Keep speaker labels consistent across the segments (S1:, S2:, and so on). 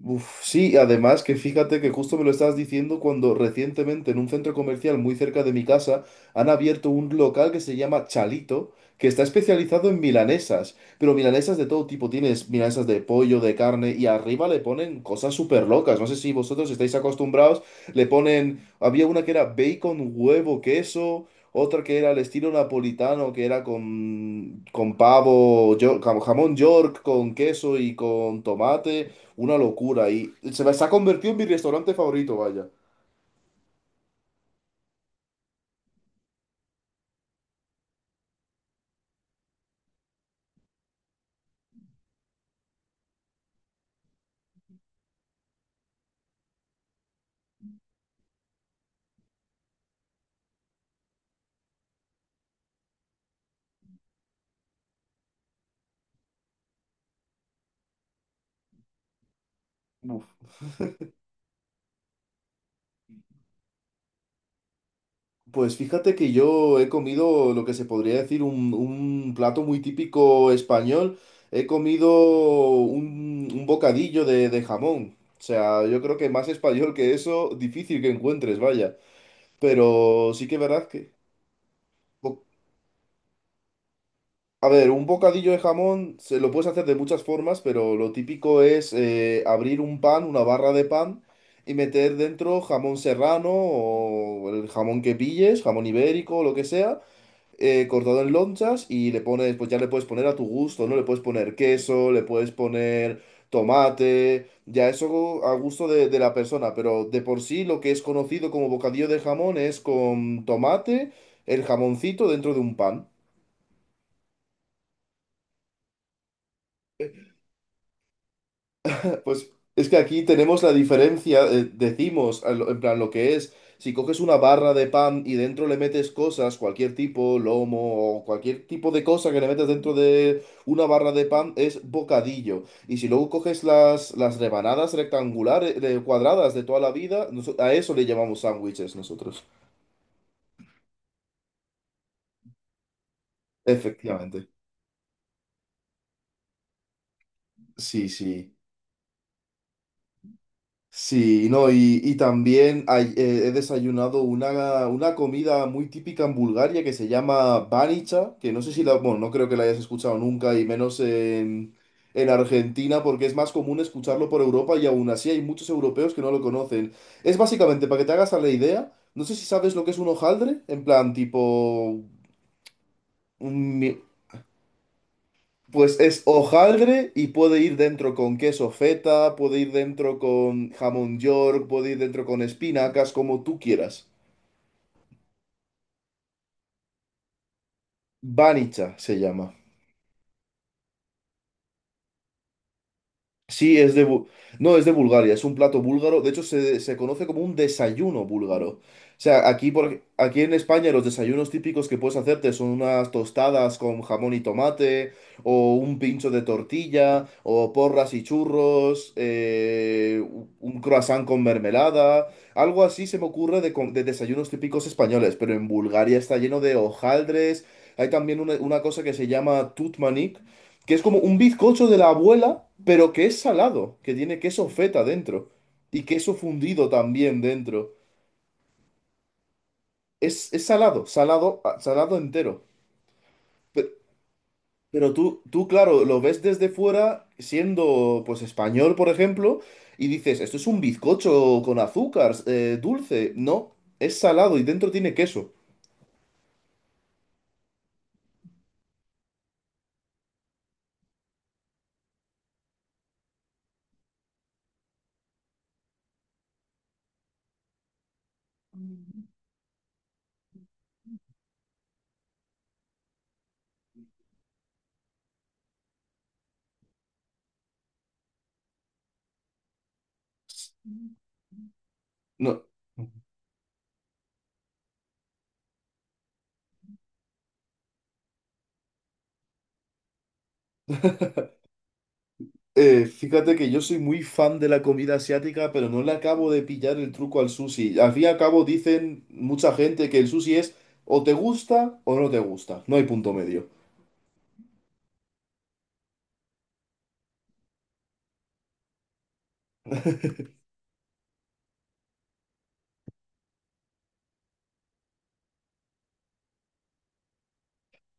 S1: Uf, sí, además que fíjate que justo me lo estabas diciendo cuando recientemente en un centro comercial muy cerca de mi casa han abierto un local que se llama Chalito, que está especializado en milanesas, pero milanesas de todo tipo, tienes milanesas de pollo, de carne y arriba le ponen cosas súper locas, no sé si vosotros estáis acostumbrados, le ponen, había una que era bacon, huevo, queso, otra que era al estilo napolitano, que era con pavo, jamón york, con queso y con tomate. Una locura y se ha convertido en mi restaurante favorito, vaya. Uf. Pues fíjate que yo he comido lo que se podría decir un plato muy típico español. He comido un bocadillo de jamón. O sea, yo creo que más español que eso, difícil que encuentres, vaya. Pero sí que es verdad que... A ver, un bocadillo de jamón se lo puedes hacer de muchas formas, pero lo típico es abrir un pan, una barra de pan, y meter dentro jamón serrano o el jamón que pilles, jamón ibérico lo que sea, cortado en lonchas y le pones, pues ya le puedes poner a tu gusto, ¿no? Le puedes poner queso, le puedes poner tomate, ya eso a gusto de la persona, pero de por sí lo que es conocido como bocadillo de jamón es con tomate, el jamoncito dentro de un pan. Pues es que aquí tenemos la diferencia, decimos, en plan, lo que es, si coges una barra de pan y dentro le metes cosas, cualquier tipo, lomo o cualquier tipo de cosa que le metes dentro de una barra de pan, es bocadillo. Y si luego coges las rebanadas rectangulares, cuadradas de toda la vida, a eso le llamamos sándwiches nosotros. Efectivamente. Sí, sí. Sí, no, y también he desayunado una comida muy típica en Bulgaria que se llama banicha, que no sé si la, bueno, no creo que la hayas escuchado nunca, y menos en Argentina, porque es más común escucharlo por Europa y aún así hay muchos europeos que no lo conocen. Es básicamente, para que te hagas a la idea, no sé si sabes lo que es un hojaldre, en plan tipo un, pues es hojaldre y puede ir dentro con queso feta, puede ir dentro con jamón york, puede ir dentro con espinacas, como tú quieras. Banicha se llama. Sí, es de... No, es de Bulgaria, es un plato búlgaro. De hecho, se conoce como un desayuno búlgaro. O sea, aquí, aquí en España los desayunos típicos que puedes hacerte son unas tostadas con jamón y tomate, o un pincho de tortilla, o porras y churros, un croissant con mermelada. Algo así se me ocurre de desayunos típicos españoles, pero en Bulgaria está lleno de hojaldres. Hay también una cosa que se llama tutmanik que es como un bizcocho de la abuela, pero que es salado, que tiene queso feta dentro y queso fundido también dentro. Es salado, salado, ah, salado entero. Pero, pero tú, claro, lo ves desde fuera, siendo pues español, por ejemplo, y dices, esto es un bizcocho con azúcar, dulce. No, es salado y dentro tiene queso. No. Fíjate que yo soy muy fan de la comida asiática, pero no le acabo de pillar el truco al sushi. Al fin y al cabo dicen mucha gente que el sushi es o te gusta o no te gusta. No hay punto medio.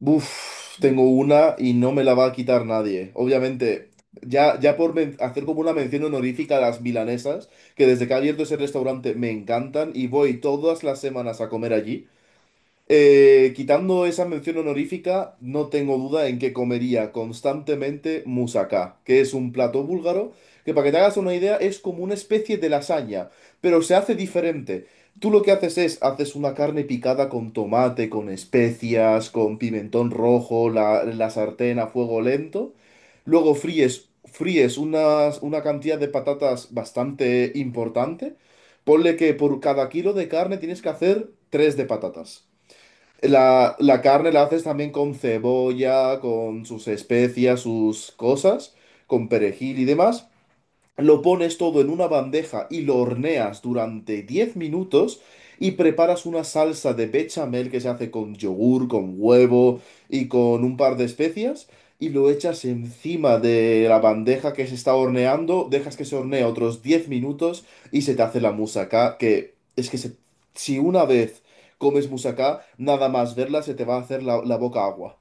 S1: Uf, tengo una y no me la va a quitar nadie. Obviamente, ya hacer como una mención honorífica a las milanesas, que desde que ha abierto ese restaurante me encantan y voy todas las semanas a comer allí. Quitando esa mención honorífica, no tengo duda en que comería constantemente moussaka, que es un plato búlgaro que, para que te hagas una idea, es como una especie de lasaña, pero se hace diferente. Tú lo que haces es, haces una carne picada con tomate, con especias, con pimentón rojo, la sartén a fuego lento. Luego fríes una cantidad de patatas bastante importante. Ponle que por cada kilo de carne tienes que hacer tres de patatas. La carne la haces también con cebolla, con sus especias, sus cosas, con perejil y demás. Lo pones todo en una bandeja y lo horneas durante 10 minutos y preparas una salsa de bechamel que se hace con yogur, con huevo y con un par de especias y lo echas encima de la bandeja que se está horneando, dejas que se hornee otros 10 minutos y se te hace la musaca que es que se- si una vez comes musaca, nada más verla se te va a hacer la boca agua.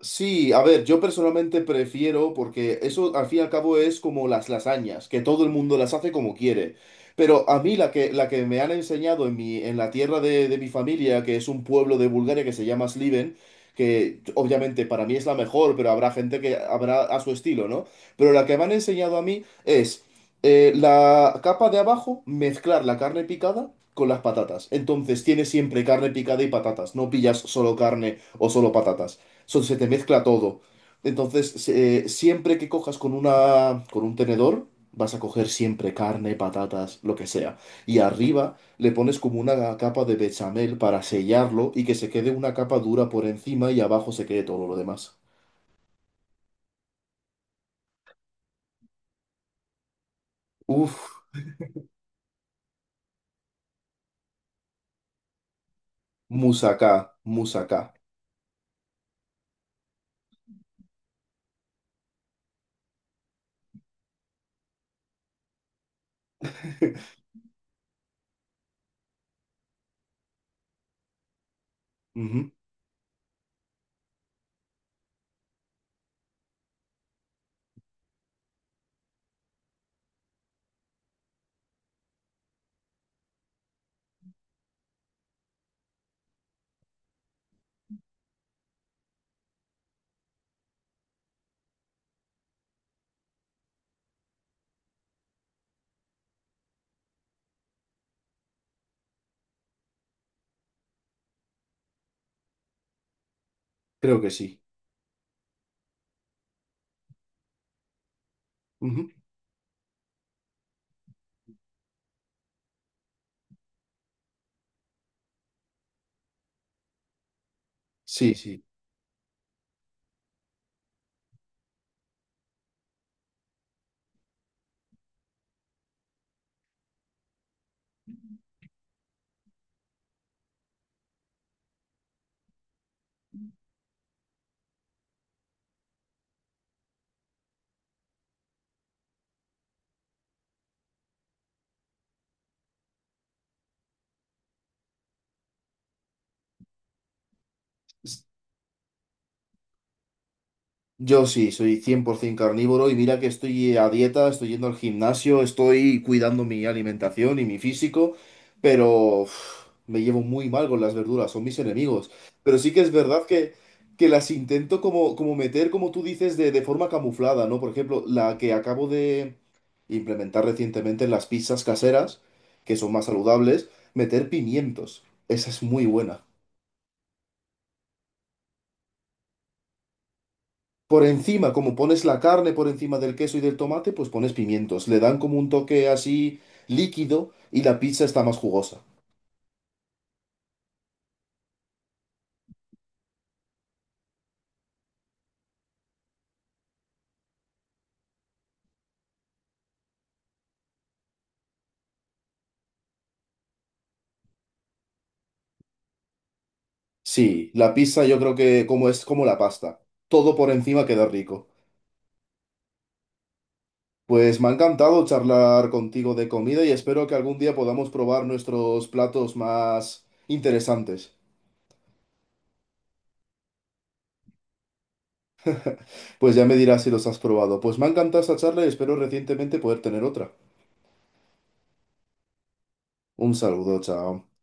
S1: Sí, a ver, yo personalmente prefiero, porque eso al fin y al cabo es como las lasañas, que todo el mundo las hace como quiere. Pero a mí la que me han enseñado en en la tierra de mi familia, que es un pueblo de Bulgaria que se llama Sliven, que obviamente para mí es la mejor, pero habrá gente que habrá a su estilo, ¿no? Pero la que me han enseñado a mí es la capa de abajo, mezclar la carne picada con las patatas. Entonces tienes siempre carne picada y patatas, no pillas solo carne o solo patatas se te mezcla todo. Entonces, siempre que cojas con con un tenedor, vas a coger siempre carne, patatas, lo que sea. Y arriba le pones como una capa de bechamel para sellarlo y que se quede una capa dura por encima y abajo se quede todo lo demás. Uf, moussaka, moussaka. Ujú, creo que sí. Ujú. Sí, sí. Yo sí, soy 100% carnívoro y mira que estoy a dieta, estoy yendo al gimnasio, estoy cuidando mi alimentación y mi físico, pero uf, me llevo muy mal con las verduras, son mis enemigos. Pero sí que es verdad que, las intento como, como meter, como tú dices, de forma camuflada, ¿no? Por ejemplo, la que acabo de implementar recientemente en las pizzas caseras, que son más saludables, meter pimientos. Esa es muy buena. Por encima, como pones la carne por encima del queso y del tomate, pues pones pimientos. Le dan como un toque así líquido y la pizza está más jugosa. Sí, la pizza yo creo que como es como la pasta. Todo por encima queda rico. Pues me ha encantado charlar contigo de comida y espero que algún día podamos probar nuestros platos más interesantes. Pues ya me dirás si los has probado. Pues me ha encantado esta charla y espero recientemente poder tener otra. Un saludo, chao.